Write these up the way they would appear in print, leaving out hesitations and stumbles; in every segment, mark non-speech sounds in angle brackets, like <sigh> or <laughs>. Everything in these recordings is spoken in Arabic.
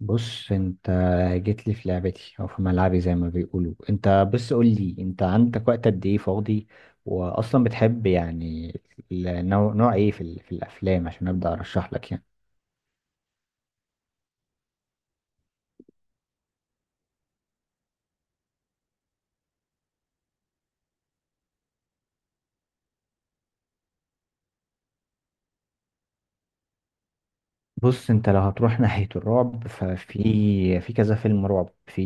بص انت. جيت لي في لعبتي او في ملعبي زي ما بيقولوا. انت بس قول لي، انت عندك وقت قد ايه فاضي؟ واصلا بتحب يعني نوع ايه في الافلام عشان ابدا ارشح لك يعني. بص، انت لو هتروح <laughs> ناحية الرعب، ففي في كذا فيلم رعب. في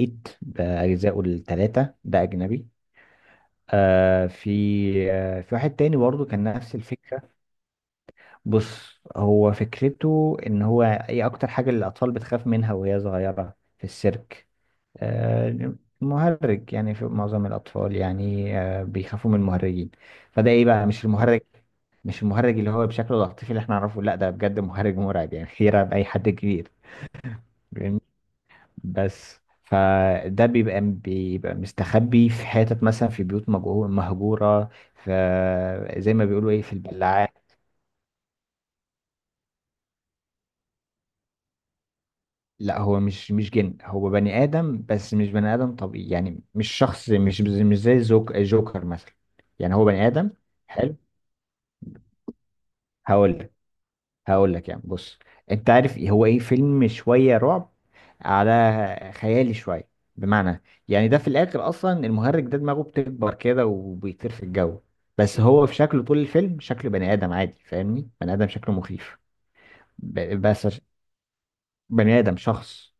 ايت باجزائه الثلاثة، ده اجنبي. آه في في واحد تاني برضه كان نفس الفكرة. بص، هو فكرته ان هو ايه اكتر حاجة اللي الاطفال بتخاف منها وهي صغيرة في السيرك. آه، مهرج. يعني في معظم الاطفال يعني آه بيخافوا من المهرجين. فده ايه بقى، مش المهرج، مش المهرج اللي هو بشكل العاطفي اللي احنا نعرفه، لا ده بجد مهرج مرعب يعني يرعب اي حد كبير. فاهمني؟ بس فده بيبقى مستخبي في حتت، مثلا في بيوت مهجورة. في، زي ما بيقولوا ايه، في البلاعات. لا هو مش جن، هو بني آدم، بس مش بني آدم طبيعي. يعني مش شخص، مش زي جوكر مثلا. يعني هو بني آدم. حلو. هقول لك هقول لك يعني، بص. انت عارف إيه هو ايه؟ فيلم شوية رعب على خيالي شوية. بمعنى، يعني ده في الآخر أصلا المهرج ده دماغه بتكبر كده وبيطير في الجو. بس هو في شكله طول الفيلم شكله بني آدم عادي، فاهمني؟ بني آدم شكله مخيف. ب- بس ش- بني آدم، شخص.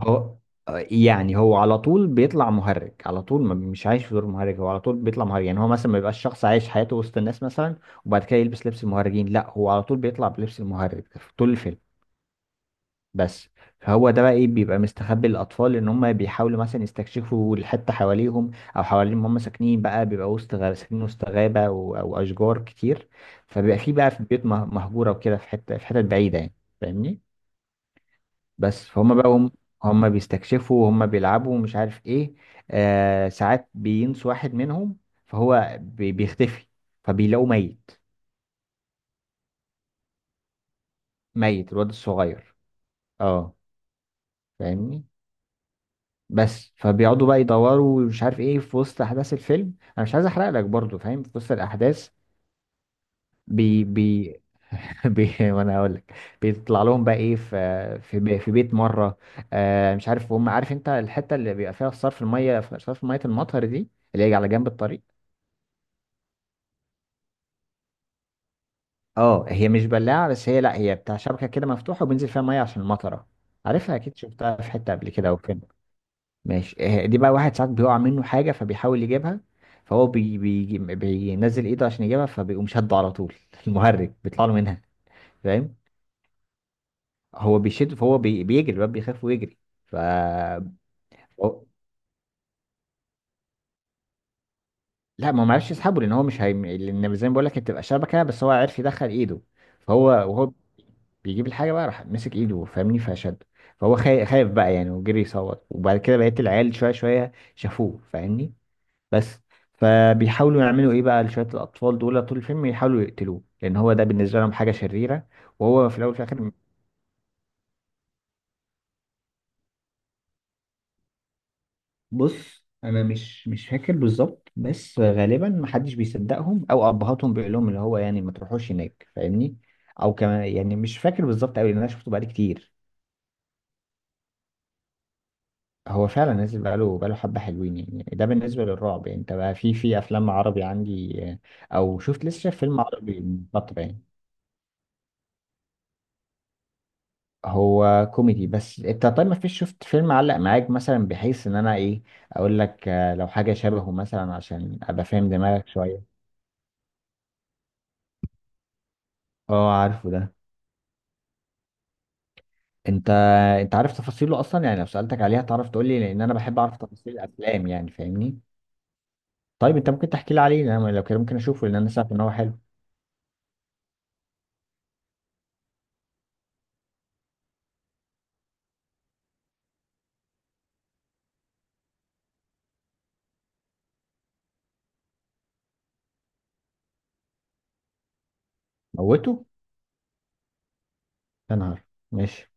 هو، يعني هو على طول بيطلع مهرج، على طول. ما مش عايش في دور مهرج، هو على طول بيطلع مهرج. يعني هو مثلا ما يبقاش شخص عايش حياته وسط الناس مثلا وبعد كده يلبس لبس المهرجين، لا هو على طول بيطلع بلبس المهرج في طول الفيلم. بس. فهو ده بقى ايه، بيبقى مستخبي للاطفال. ان هم بيحاولوا مثلا يستكشفوا الحته حواليهم، او حوالين ما هم ساكنين. بقى بيبقى وسط غابه، ساكنين وسط غابه او اشجار كتير. فبيبقى في، بقى في البيوت مهجوره وكده، في حته، في حتت بعيده يعني. فاهمني. بس فهم بقى، هم بيستكشفوا وهم بيلعبوا ومش عارف ايه. آه ساعات بينسوا واحد منهم، فهو بيختفي، فبيلاقوه ميت. ميت، الواد الصغير. اه. فاهمني. بس فبيقعدوا بقى يدوروا ومش عارف ايه، في وسط احداث الفيلم. انا مش عايز احرق لك برضو، فاهم؟ في وسط الاحداث بي بي, <laughs> وانا هقول لك، بيطلع لهم بقى ايه، في في, بي في بيت مره. آه، مش عارف هم، عارف انت الحته اللي بيبقى فيها صرف الميه، صرف ميه المطر دي، اللي هي على جنب الطريق؟ اه، هي مش بلاعة بس، هي لا هي بتاع شبكة كده مفتوحة وبينزل فيها مية عشان المطرة. عارفها أكيد، شفتها في حتة قبل كده أو فين. ماشي. آه، دي بقى، واحد ساعات بيقع منه حاجة فبيحاول يجيبها. فهو بي بي بينزل إيده عشان يجيبها، فبيقوم شده على طول <laughs> المهرج بيطلع له منها. فاهم؟ هو بيشد، فهو بيجري، الواد بيخاف ويجري. ف. لا ما هو معرفش يسحبه، لان هو مش هي... لان زي ما بقول لك، هتبقى شبكه، بس هو عرف يدخل ايده. فهو، وهو بيجيب الحاجه بقى راح مسك ايده، فاهمني؟ فشد، فهو خايف بقى يعني، وجري يصوت. وبعد كده بقيت العيال شويه شويه شافوه، فاهمني. بس. فبيحاولوا يعملوا ايه بقى لشويه، الاطفال دول طول الفيلم يحاولوا يقتلوه، لان هو ده بالنسبه لهم حاجه شريره. وهو في الاول وفي الاخر. بص، انا مش فاكر بالظبط، بس غالبا محدش بيصدقهم، او ابهاتهم بيقول لهم اللي هو يعني ما تروحوش هناك، فاهمني؟ او كمان، يعني مش فاكر بالظبط قوي لان انا شفته بقالي كتير. هو فعلا نازل بقاله حبه حلوين يعني. ده بالنسبه للرعب يعني. انت بقى، في افلام عربي عندي، او شفت لسه، شايف فيلم عربي من فتره يعني؟ هو كوميدي بس. انت طيب ما فيش شفت فيلم علق معاك مثلا، بحيث ان انا ايه اقول لك، لو حاجه شبهه مثلا، عشان ابقى فاهم دماغك شويه. اه عارفه ده. انت انت عارف تفاصيله اصلا يعني؟ لو سألتك عليها تعرف تقول لي، لان انا بحب اعرف تفاصيل الافلام يعني، فاهمني. طيب انت ممكن تحكي لي عليه؟ انا لو كده ممكن اشوفه، لان انا سمعت ان هو حلو. موته. يا نهار. ماشي.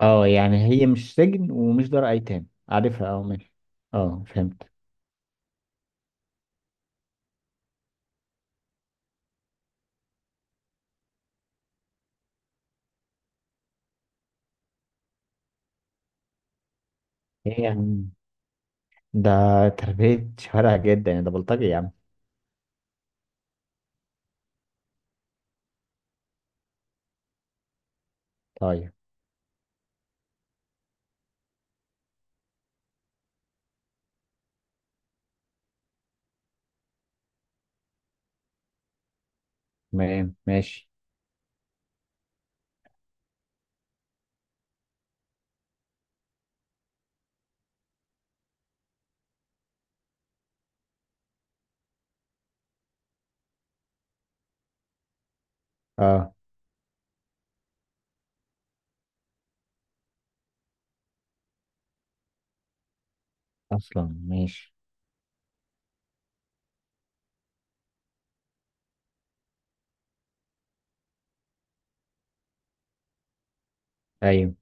اه يعني هي مش سجن ومش دار ايتام، عارفها. اه، ماشي. اه فهمت. ايه يا عم. ده تربية شوارع جدا يعني، ده بلطجي يا عم. طيب. تمام، ماشي. اه. اصلا ماشي. ايوه.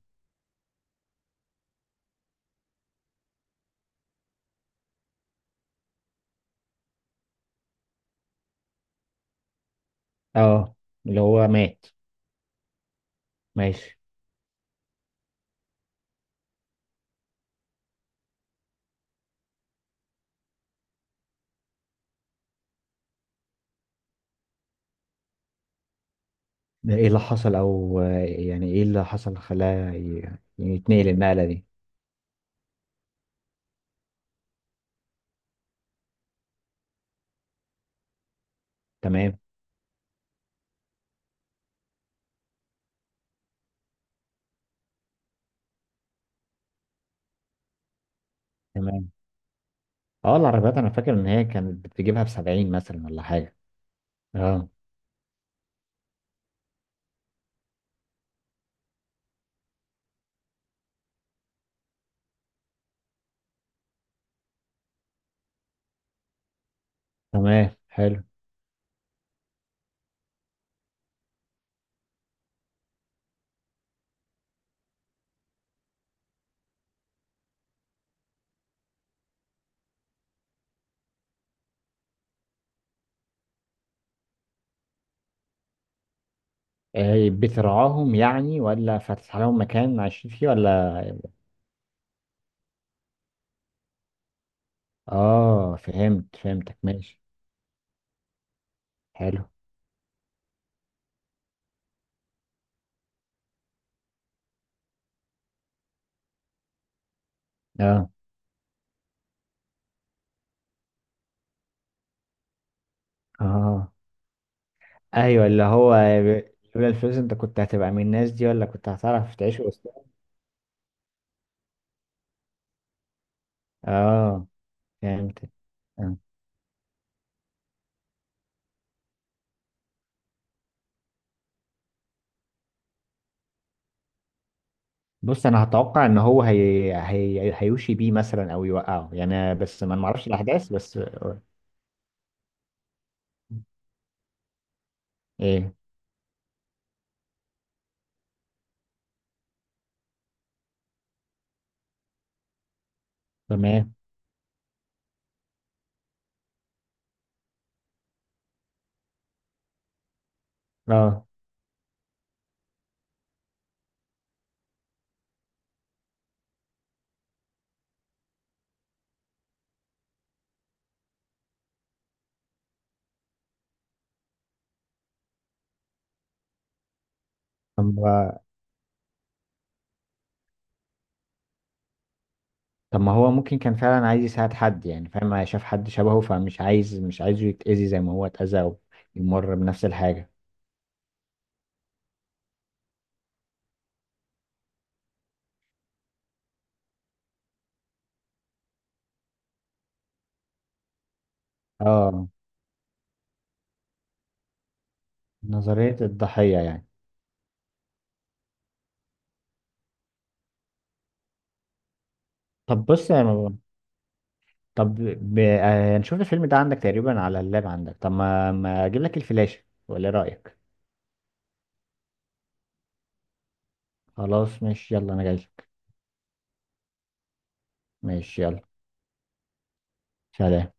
اه، اللي هو مات. ماشي. ده ايه اللي حصل؟ او يعني ايه اللي حصل خلاه يعني يتنقل النقلة دي؟ تمام تمام. اه العربيات انا فاكر ان هي كانت بتجيبها ب70 مثلا ولا حاجة. اه، تمام، حلو. آه بترعاهم يعني، ولا فاتح لهم مكان عايشين فيه، ولا؟ اه، فهمت، فهمتك، ماشي. حلو. اه، اه، ايوه، اللي هو لولا الفلوس انت كنت هتبقى من الناس دي، ولا كنت هتعرف تعيش وسطها. اه، فهمت. بص انا هتوقع ان هو هيوشي بيه مثلا، او يوقعه يعني، بس ما نعرفش الاحداث بس. ايه، تمام. اه. طب طب ما هو ممكن كان فعلا عايز يساعد حد يعني، فاهم؟ شاف حد شبهه فمش عايز، مش عايزه يتأذي زي ما هو اتأذى، او يمر بنفس الحاجة. اه، نظرية الضحية يعني. طب بص يا مروان، طب ب... آه، هنشوف الفيلم ده عندك تقريبا على اللاب عندك. طب ما اجيب لك الفلاشة، ولا إيه رأيك؟ خلاص ماشي، يلا، انا جاي لك. ماشي يلا. سلام.